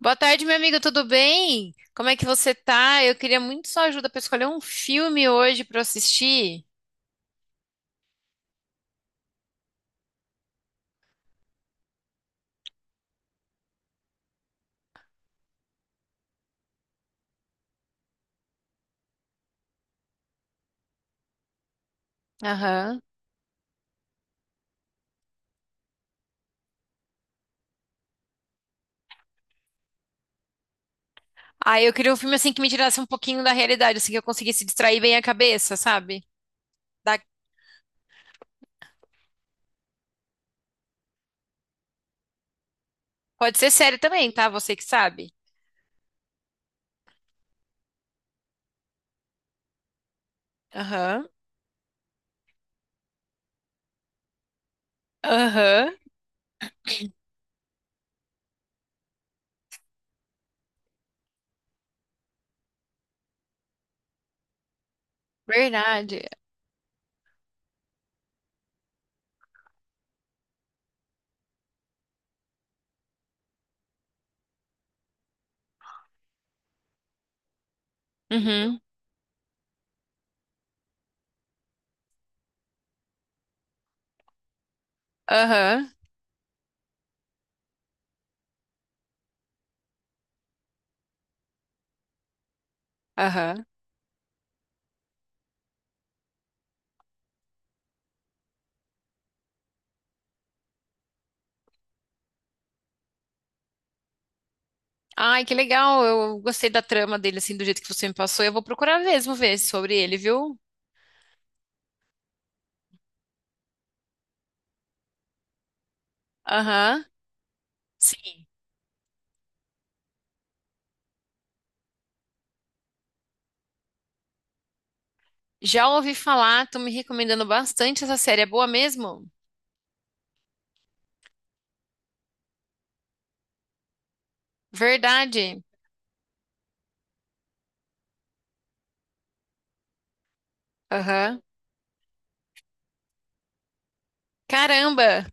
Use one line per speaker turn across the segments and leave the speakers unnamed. Boa tarde, meu amigo, tudo bem? Como é que você tá? Eu queria muito sua ajuda para escolher um filme hoje para assistir. Aham. Ah, eu queria um filme assim que me tirasse um pouquinho da realidade, assim que eu conseguisse distrair bem a cabeça, sabe? Da- Pode ser série também, tá? Você que sabe. Aham. Aham. Verdade. Uhum. Aham. Aham. Ai, que legal. Eu gostei da trama dele assim, do jeito que você me passou. Eu vou procurar mesmo ver sobre ele, viu? Aham. Sim. Já ouvi falar, tô me recomendando bastante essa série. É boa mesmo? Verdade. Aham. Caramba.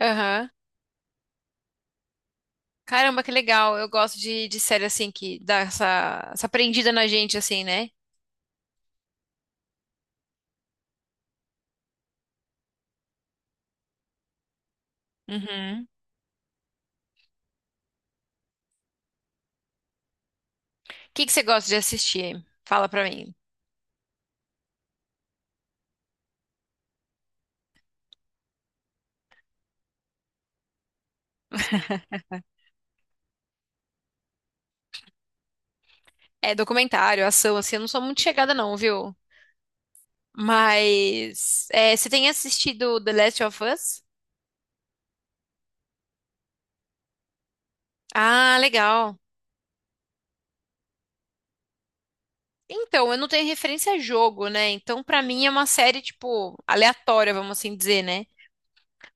Aham. Caramba, que legal. Eu gosto de série assim que dá essa prendida na gente, assim, né? Uhum. O que que você gosta de assistir? Fala pra mim. É documentário, ação, assim, eu não sou muito chegada, não, viu? Mas é, você tem assistido The Last of Us? Ah, legal. Então, eu não tenho referência a jogo, né? Então, pra mim é uma série, tipo, aleatória, vamos assim dizer, né?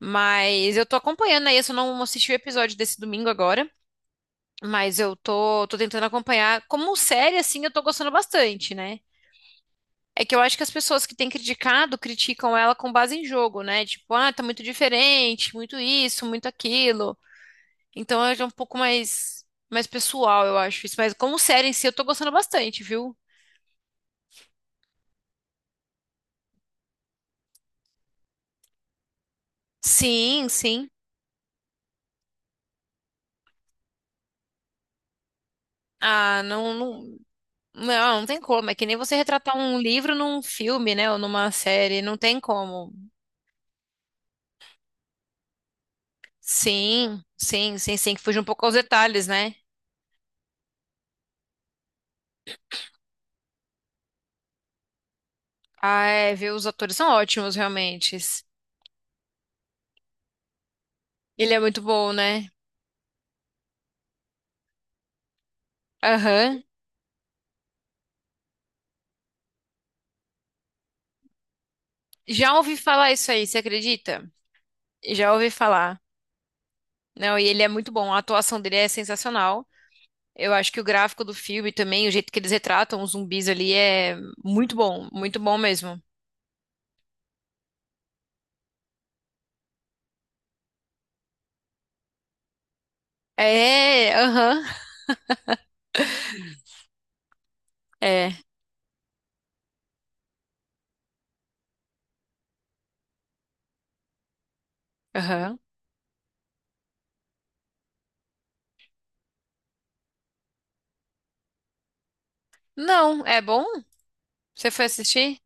Mas eu tô acompanhando aí, eu só não assisti o episódio desse domingo agora, mas eu tô, tô tentando acompanhar. Como série, assim, eu tô gostando bastante, né? É que eu acho que as pessoas que têm criticado criticam ela com base em jogo, né? Tipo, ah, tá muito diferente, muito isso, muito aquilo. Então é um pouco mais, mais pessoal, eu acho isso. Mas como série em si, eu tô gostando bastante, viu? Sim, sim. Ah, não, não, não, não tem como. É que nem você retratar um livro num filme, né? Ou numa série, não tem como. Sim, sim, sim, sim, que fugiu um pouco aos detalhes, né? Ah, é, viu? Os atores são ótimos, realmente. Ele é muito bom, né? Aham. Já ouvi falar isso aí, você acredita? Já ouvi falar. Não, e ele é muito bom, a atuação dele é sensacional. Eu acho que o gráfico do filme também, o jeito que eles retratam os zumbis ali é muito bom mesmo. É, aham. É, aham. Não, é bom? Você foi assistir?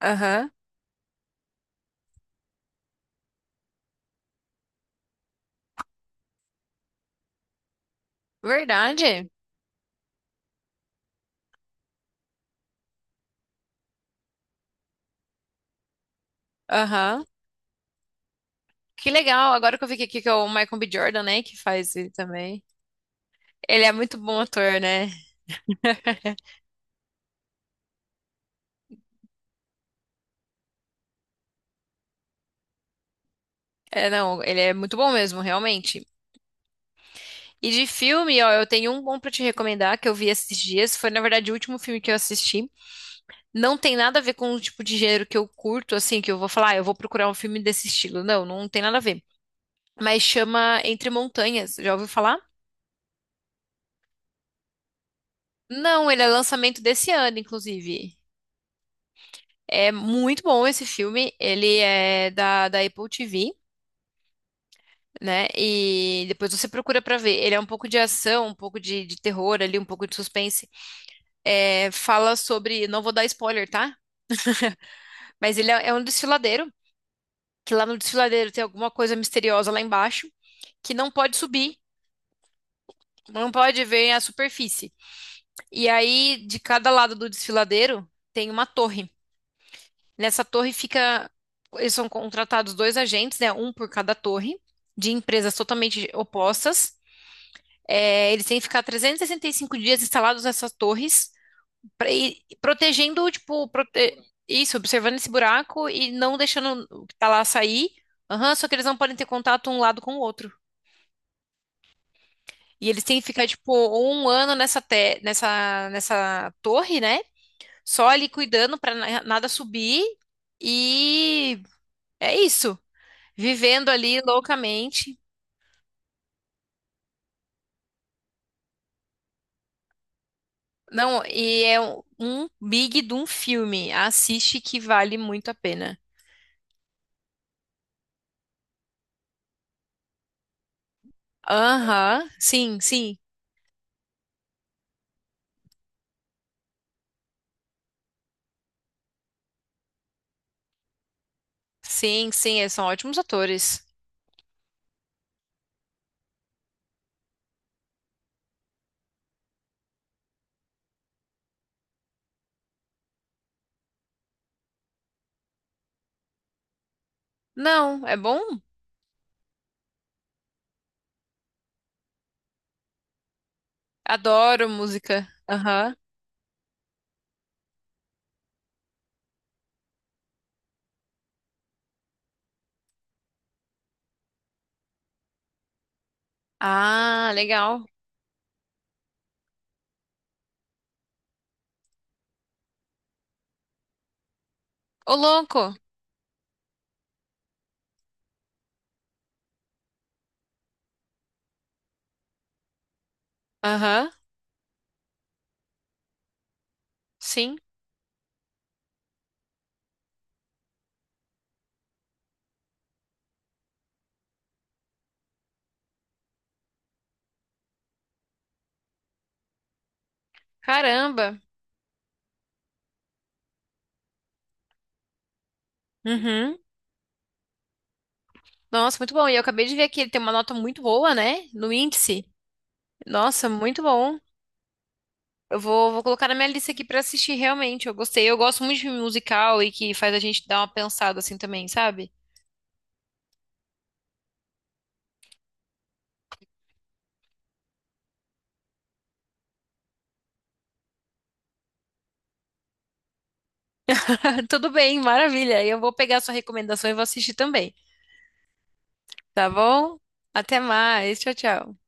Aham. Verdade. Aham. Que legal, agora que eu vi aqui que é o Michael B. Jordan, né, que faz ele também. Ele é muito bom ator, né? É, não, ele é muito bom mesmo, realmente. E de filme, ó, eu tenho um bom pra te recomendar que eu vi esses dias. Foi, na verdade, o último filme que eu assisti. Não tem nada a ver com o tipo de gênero que eu curto, assim, que eu vou falar, ah, eu vou procurar um filme desse estilo. Não, não tem nada a ver. Mas chama Entre Montanhas, já ouviu falar? Não, ele é lançamento desse ano, inclusive. É muito bom esse filme. Ele é da Apple TV. Né? E depois você procura pra ver. Ele é um pouco de ação, um pouco de terror ali, um pouco de suspense. É, fala sobre, não vou dar spoiler, tá? Mas ele é, é um desfiladeiro, que lá no desfiladeiro tem alguma coisa misteriosa lá embaixo que não pode subir, não pode ver a superfície. E aí, de cada lado do desfiladeiro tem uma torre. Nessa torre fica, eles são contratados dois agentes, né? Um por cada torre. De empresas totalmente opostas. É, eles têm que ficar trezentos e sessenta e cinco dias instalados nessas torres, pra, e protegendo, tipo, isso, observando esse buraco e não deixando o que tá lá sair. Aham, só que eles não podem ter contato um lado com o outro. E eles têm que ficar, tipo, um ano nessa, nessa, nessa torre, né? Só ali cuidando pra nada subir. E é isso. Vivendo ali loucamente. Não, e é um um big de um filme. Assiste que vale muito a pena. Aham, sim, sim. Sim, sim, eles são ótimos atores. Não, é bom? Adoro música. Aham. Ah, legal. Ô, louco. Aham, sim. Caramba. Uhum. Nossa, muito bom. E eu acabei de ver que ele tem uma nota muito boa, né? No índice. Nossa, muito bom. Eu vou, vou colocar na minha lista aqui pra assistir, realmente. Eu gostei. Eu gosto muito de filme musical e que faz a gente dar uma pensada assim também, sabe? Tudo bem, maravilha. Eu vou pegar a sua recomendação e vou assistir também. Tá bom? Até mais. Tchau, tchau.